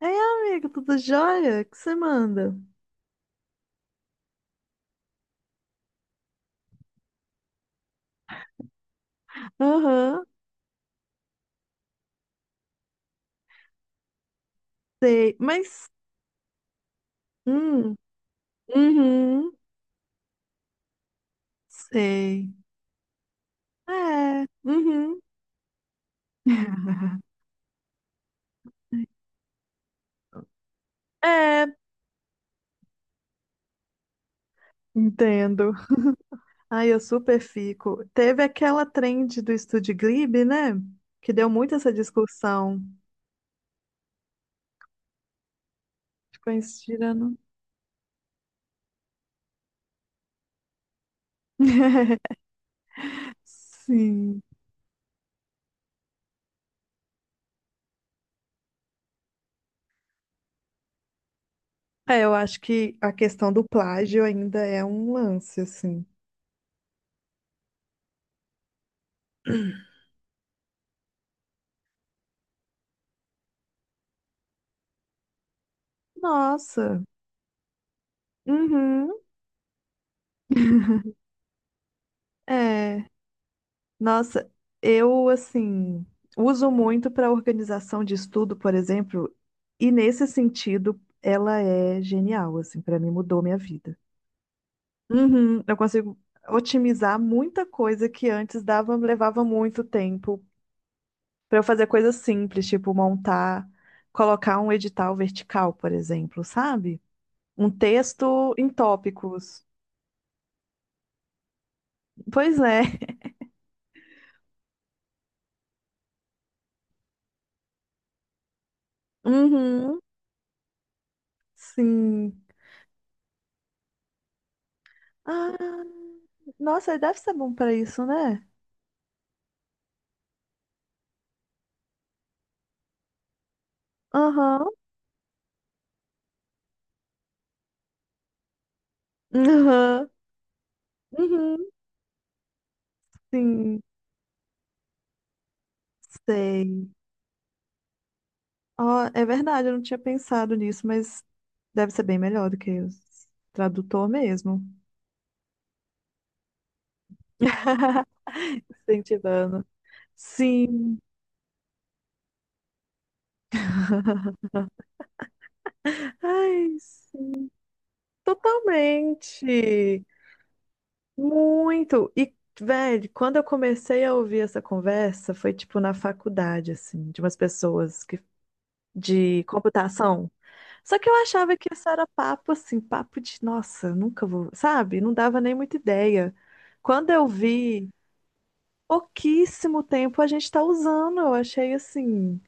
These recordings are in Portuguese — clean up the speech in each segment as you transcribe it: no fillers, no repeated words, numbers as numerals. Ei, amigo, tudo jóia? O que você manda? Aham. Sei, mas. Hum, uhum, sei. É, uhum. É, entendo. Ai, eu super fico. Teve aquela trend do Estúdio Ghibli, né? Que deu muito essa discussão. Ficou estirando. Sim. É, eu acho que a questão do plágio ainda é um lance, assim. Nossa. Uhum. É. Nossa, eu assim uso muito para organização de estudo, por exemplo, e nesse sentido ela é genial, assim, para mim mudou minha vida. Uhum, eu consigo otimizar muita coisa que antes dava, levava muito tempo para eu fazer coisas simples, tipo montar, colocar um edital vertical, por exemplo, sabe? Um texto em tópicos. Pois é. Uhum, sim. Ah, nossa, deve ser bom para isso, né? Aham, aham, uhum, sim, sei. Ó, é verdade, eu não tinha pensado nisso, mas deve ser bem melhor do que o tradutor mesmo. Incentivando. Sim. Ai, sim, totalmente. Muito. E, velho, quando eu comecei a ouvir essa conversa, foi tipo na faculdade, assim, de umas pessoas que, de computação. Só que eu achava que isso era papo, assim, papo de, nossa, nunca vou, sabe? Não dava nem muita ideia. Quando eu vi, pouquíssimo tempo a gente tá usando, eu achei, assim,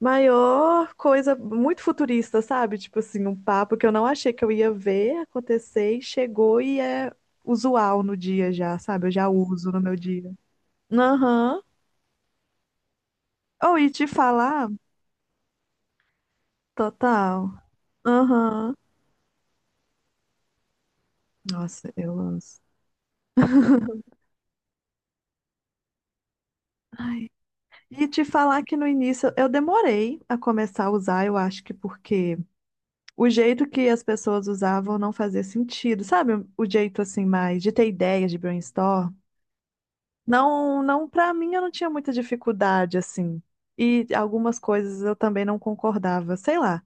maior coisa, muito futurista, sabe? Tipo assim, um papo que eu não achei que eu ia ver acontecer e chegou e é usual no dia já, sabe? Eu já uso no meu dia. Aham. Ou e te falar, total. Aham. Nossa, eu amo. E te falar que no início eu demorei a começar a usar, eu acho que porque o jeito que as pessoas usavam não fazia sentido, sabe? O jeito assim mais de ter ideias de brainstorm. Não, para mim eu não tinha muita dificuldade assim. E algumas coisas eu também não concordava, sei lá.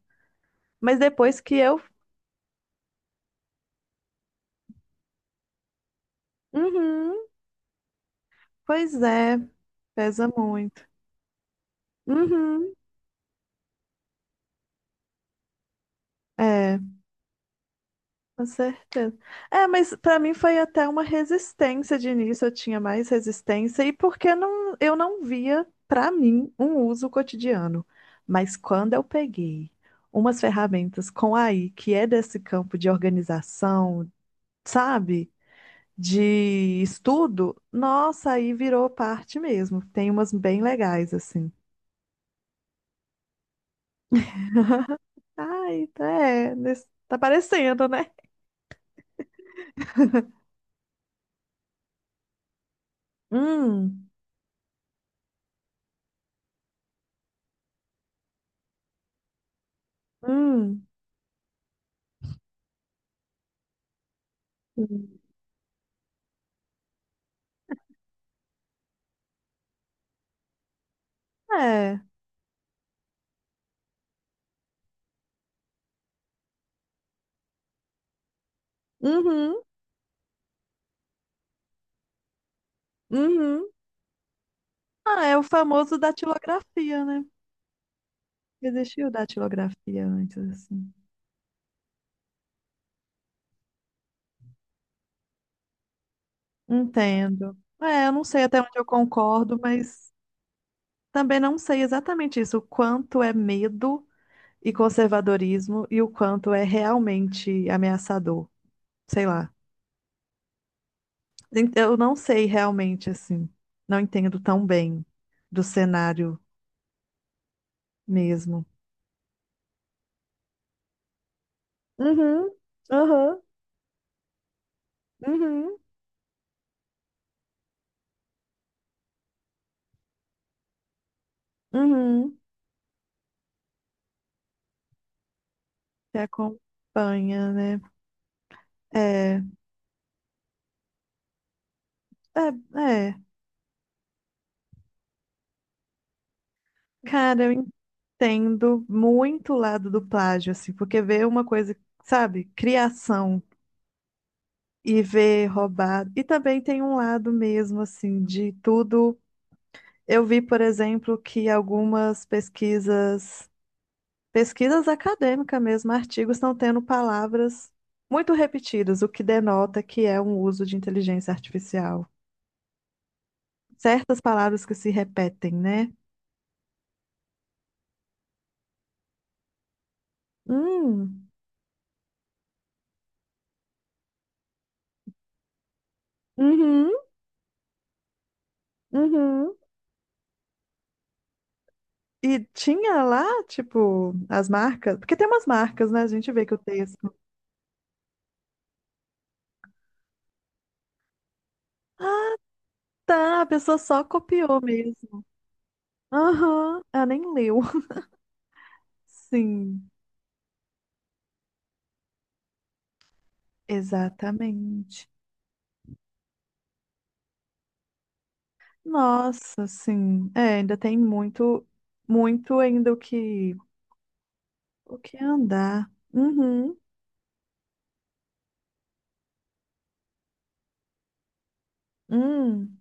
Mas depois que eu, uhum, pois é, pesa muito. Uhum, é. Com certeza. É, mas para mim foi até uma resistência de início, eu tinha mais resistência, e porque não, eu não via, para mim, um uso cotidiano. Mas quando eu peguei umas ferramentas com AI, que é desse campo de organização, sabe, de estudo, nossa, aí virou parte mesmo. Tem umas bem legais, assim. Ai, tá, é, nesse- tá parecendo, né? Hum, hum, hum. É. Uhum. Uhum. Ah, é o famoso datilografia, né? Existiu datilografia antes, assim. Entendo. É, eu não sei até onde eu concordo, mas também não sei exatamente isso, o quanto é medo e conservadorismo e o quanto é realmente ameaçador. Sei lá. Ent- Eu não sei realmente, assim. Não entendo tão bem do cenário mesmo. Uhum, uhum, uhum, uhum. Que acompanha, né? É. É, é. Cara, eu entendo muito o lado do plágio, assim, porque ver uma coisa, sabe, criação e ver roubado. E também tem um lado mesmo, assim, de tudo. Eu vi, por exemplo, que algumas pesquisas, pesquisas acadêmicas mesmo, artigos estão tendo palavras muito repetidas, o que denota que é um uso de inteligência artificial. Certas palavras que se repetem, né? Hum, uhum, uhum. E tinha lá, tipo, as marcas, porque tem umas marcas, né? A gente vê que o texto. Tá, a pessoa só copiou mesmo. Aham, ela nem leu. Sim, exatamente. Nossa, sim. É, ainda tem muito, muito ainda o que andar. Uhum. Hum.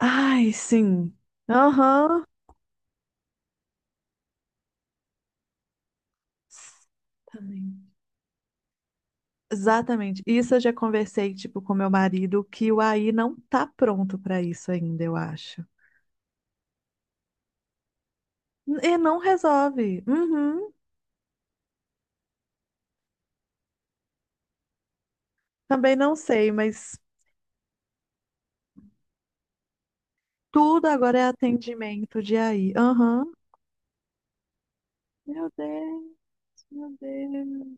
Ai, sim. Aham. Exatamente. Exatamente. Isso eu já conversei, tipo, com meu marido, que o AI não tá pronto pra isso ainda, eu acho. E não resolve. Uhum. Também não sei, mas tudo agora é atendimento de AI. Aham. Meu Deus, meu Deus.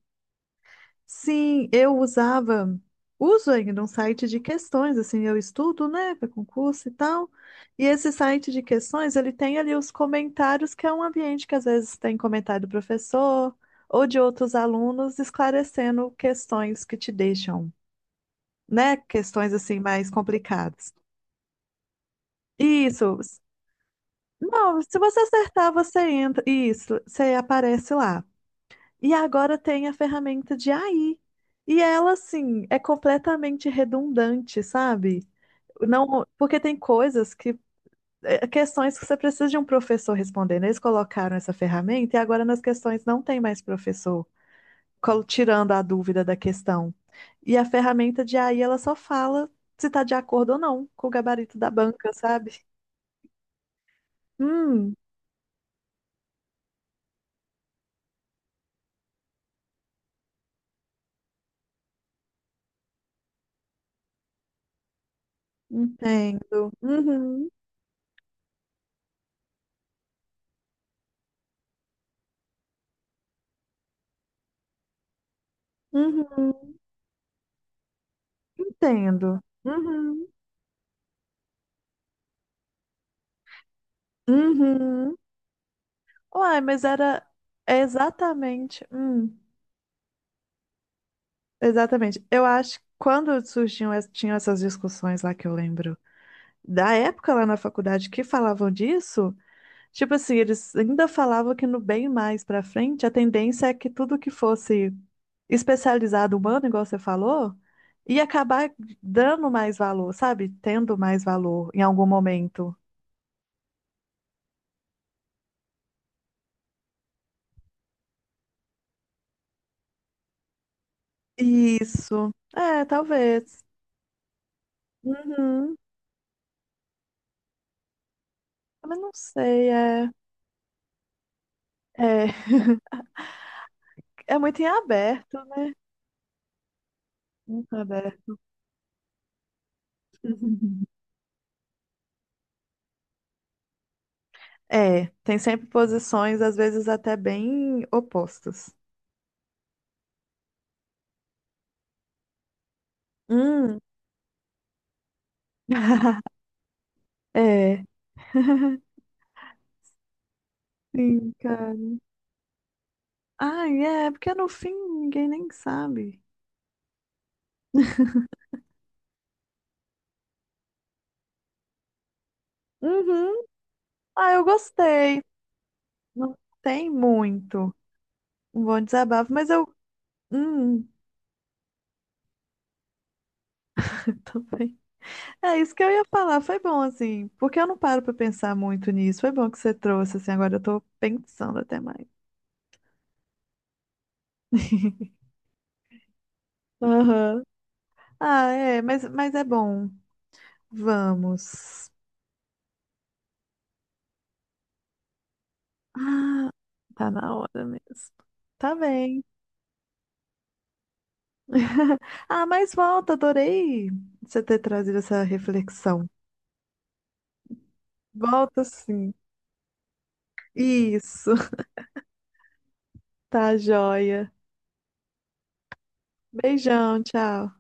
Sim, eu usava, uso ainda um site de questões, assim, eu estudo, né, para concurso e tal. E esse site de questões, ele tem ali os comentários, que é um ambiente que às vezes tem comentário do professor ou de outros alunos esclarecendo questões que te deixam, né, questões assim mais complicadas. Isso. Não, se você acertar, você entra. Isso, você aparece lá. E agora tem a ferramenta de AI. E ela, assim, é completamente redundante, sabe? Não, porque tem coisas que, é, questões que você precisa de um professor respondendo. Eles colocaram essa ferramenta e agora nas questões não tem mais professor, col- tirando a dúvida da questão. E a ferramenta de AI, ela só fala se está de acordo ou não com o gabarito da banca, sabe? Hum, entendo. Uhum. Uhum, entendo. Uhum, uhum. Uai, mas era é exatamente. Hum, exatamente. Eu acho que quando surgiam, es- tinham essas discussões lá que eu lembro da época lá na faculdade que falavam disso, tipo assim, eles ainda falavam que no bem mais pra frente, a tendência é que tudo que fosse especializado humano, igual você falou, ia acabar dando mais valor, sabe? Tendo mais valor em algum momento. Isso. É, talvez. Uhum. Também não sei, é. É, é muito em aberto, né? Muito aberto. É, tem sempre posições, às vezes até bem opostas. Hum. É, sim, cara. Ai, é, porque no fim ninguém nem sabe. Uhum. Ah, eu gostei. Não tem muito um bom desabafo, mas eu. Hum, também. É isso que eu ia falar, foi bom assim, porque eu não paro pra pensar muito nisso. Foi bom que você trouxe assim, agora eu tô pensando até mais. Aham. Ah, é, mas é bom. Vamos. Ah, tá na hora mesmo. Tá bem. Ah, mas volta, adorei você ter trazido essa reflexão. Volta sim. Isso. Tá joia. Beijão, tchau.